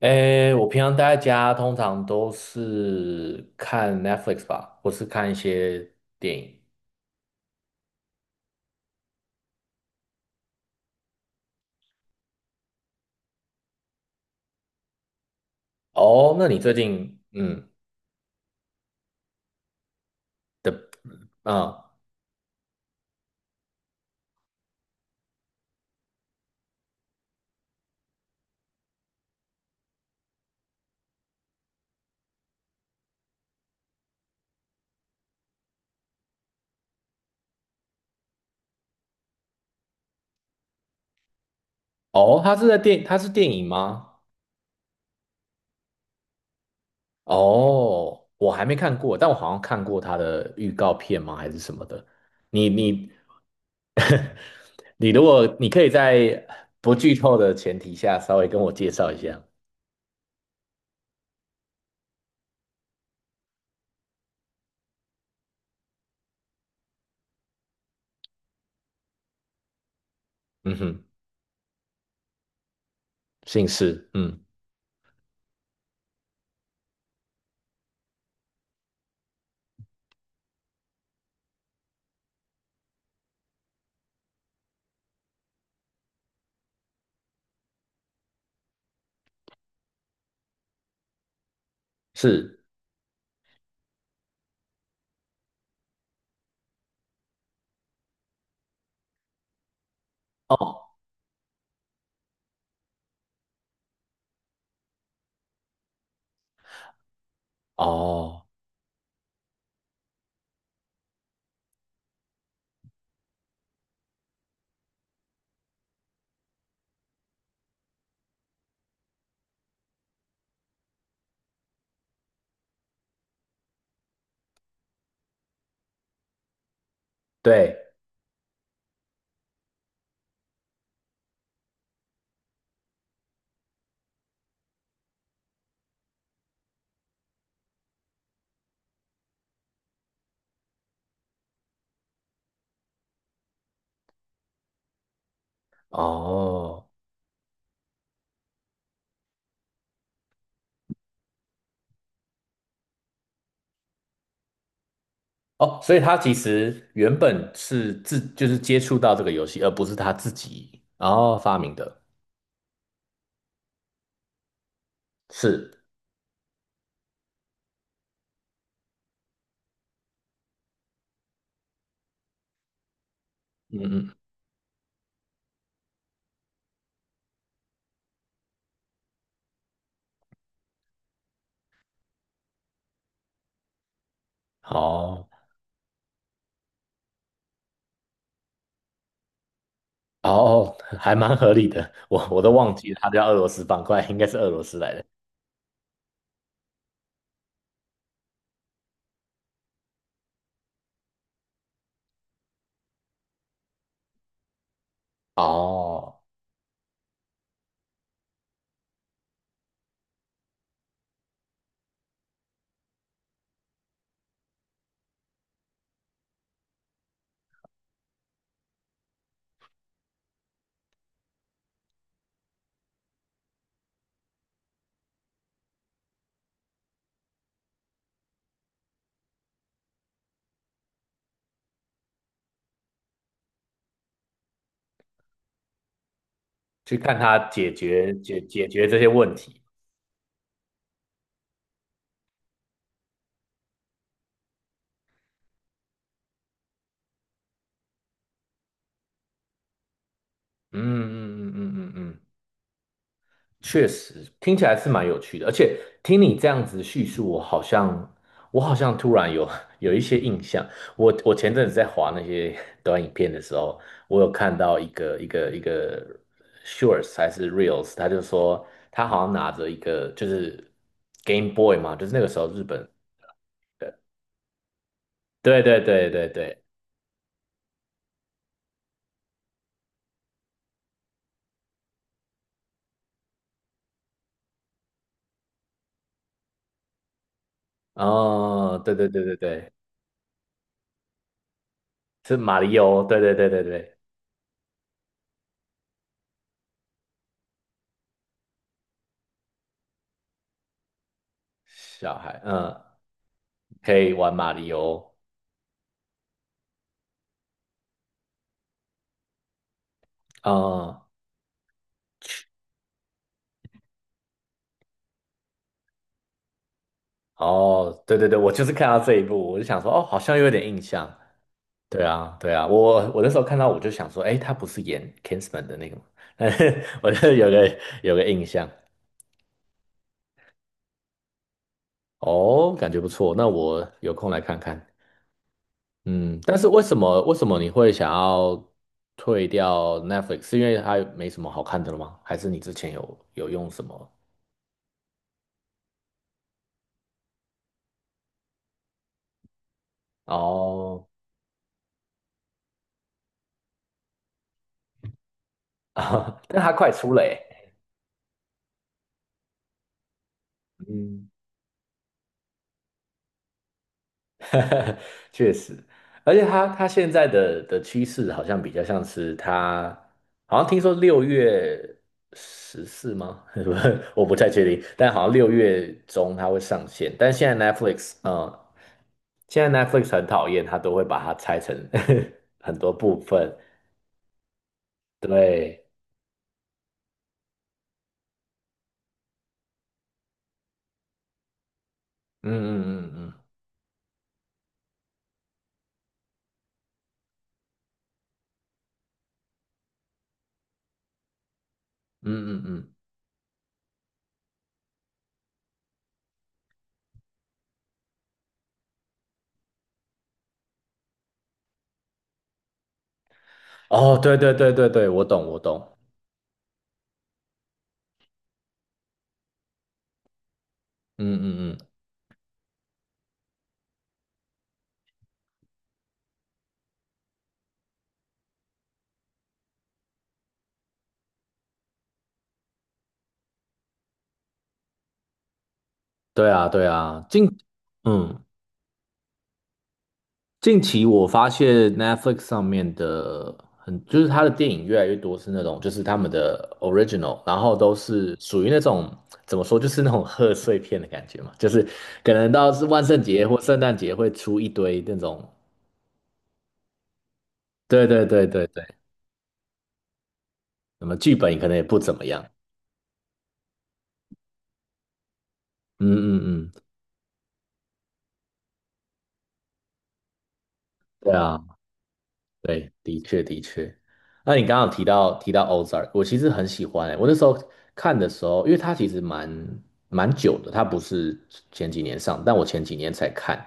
诶，我平常待在家，通常都是看 Netflix 吧，或是看一些电影。哦，那你最近嗯的嗯哦，他是电影吗？哦，我还没看过，但我好像看过他的预告片吗？还是什么的？你 你如果你可以在不剧透的前提下，稍微跟我介绍一下。嗯哼。姓氏，是。哦哦，对哦。哦，所以他其实原本是就是接触到这个游戏，而不是他自己然后发明的。是，嗯嗯，哦哦，还蛮合理的。我都忘记他叫俄罗斯方块，应该是俄罗斯来的。哦，去看他解决这些问题。嗯嗯嗯嗯嗯嗯，确实听起来是蛮有趣的，而且听你这样子叙述，我好像突然有 有一些印象。我前阵子在滑那些 短影片的时候，我有看到一个 shorts 还是 reels，他就说他好像拿着一个就是 Game Boy 嘛，就是那个时候日本的。对对对对对，哦，对对对对对，是马里欧，对对对对对，小孩，嗯，可以玩马里欧。哦，哦，对对对，我就是看到这一部，我就想说，哦，好像有点印象。对啊，对啊，我那时候看到我就想说，哎，他不是演 Kingsman 的那个吗？我就有个印象。哦，感觉不错，那我有空来看看。嗯，但是为什么你会想要退掉 Netflix？是因为它没什么好看的了吗？还是你之前有用什么？哦，啊，但它快出了欸。嗯。确实，而且它现在的趋势好像比较像是它，好像听说6月14吗？我不太确定，但好像六月中它会上线。但现在 Netflix，现在 Netflix 很讨厌，它都会把它拆成 很多部分。对，嗯嗯嗯嗯嗯嗯嗯，哦，对对对对对，我懂我懂，嗯嗯嗯，对啊对啊，近，嗯。近期我发现 Netflix 上面的很，就是它的电影越来越多是那种，就是他们的 original，然后都是属于那种怎么说，就是那种贺岁片的感觉嘛，就是可能到是万圣节或圣诞节会出一堆那种，对对对对对，那么剧本可能也不怎么样，嗯嗯嗯，对啊。对，的确的确。那你刚刚有提到 Ozark，我其实很喜欢欸，我那时候看的时候，因为它其实蛮久的，它不是前几年上，但我前几年才看。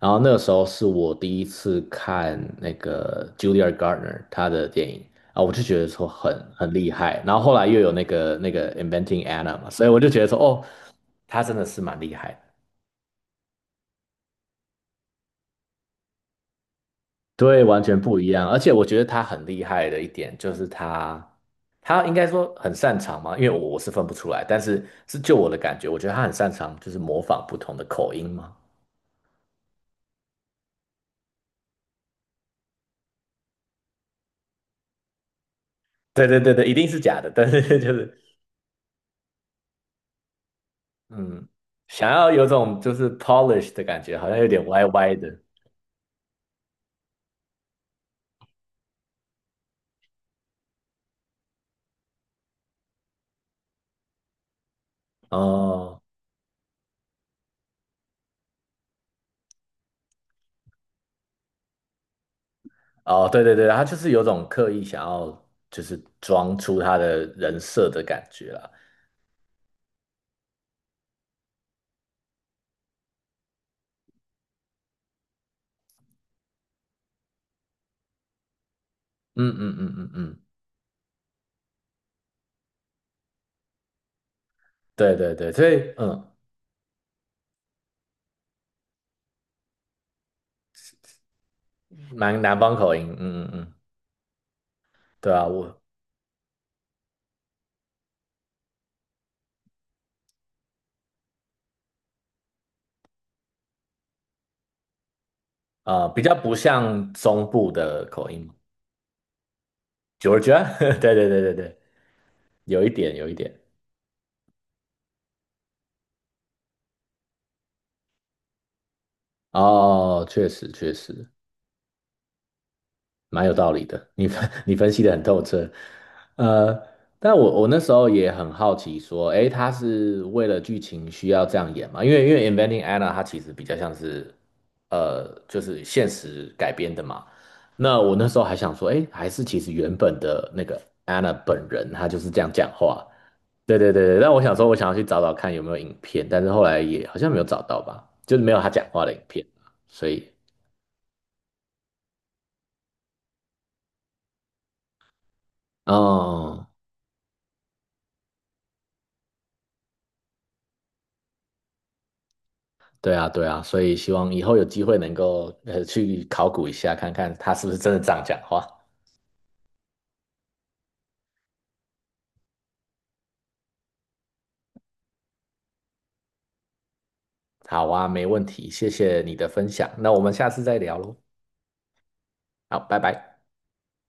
然后那个时候是我第一次看那个 Julia Garner 她的电影啊，我就觉得说很厉害。然后后来又有那个 Inventing Anna 嘛，所以我就觉得说哦，她真的是蛮厉害的。对，完全不一样。而且我觉得他很厉害的一点就是他应该说很擅长嘛，因为我是分不出来，但是是就我的感觉，我觉得他很擅长就是模仿不同的口音嘛。对对对对，一定是假的，但是就是嗯，想要有种就是 polish 的感觉，好像有点歪歪的。哦哦，对对对，他就是有种刻意想要就是装出他的人设的感觉啦。嗯嗯嗯嗯嗯，对对对，所以蛮南方口音，嗯嗯嗯。对啊，我啊比较不像中部的口音嘛，Georgia，对对对对对，有一点哦，确实确实，蛮有道理的，你分 你分析的很透彻。呃，但我那时候也很好奇，说，诶，他是为了剧情需要这样演吗？因为《Inventing Anna》它其实比较像是，就是现实改编的嘛。那我那时候还想说，诶，还是其实原本的那个 Anna 本人，她就是这样讲话。对对对对，但我想说，我想要去找找看有没有影片，但是后来也好像没有找到吧，就是没有她讲话的影片，所以，哦。对啊，对啊，所以希望以后有机会能够去考古一下，看看他是不是真的这样讲话。好啊，没问题，谢谢你的分享，那我们下次再聊喽。好，拜拜。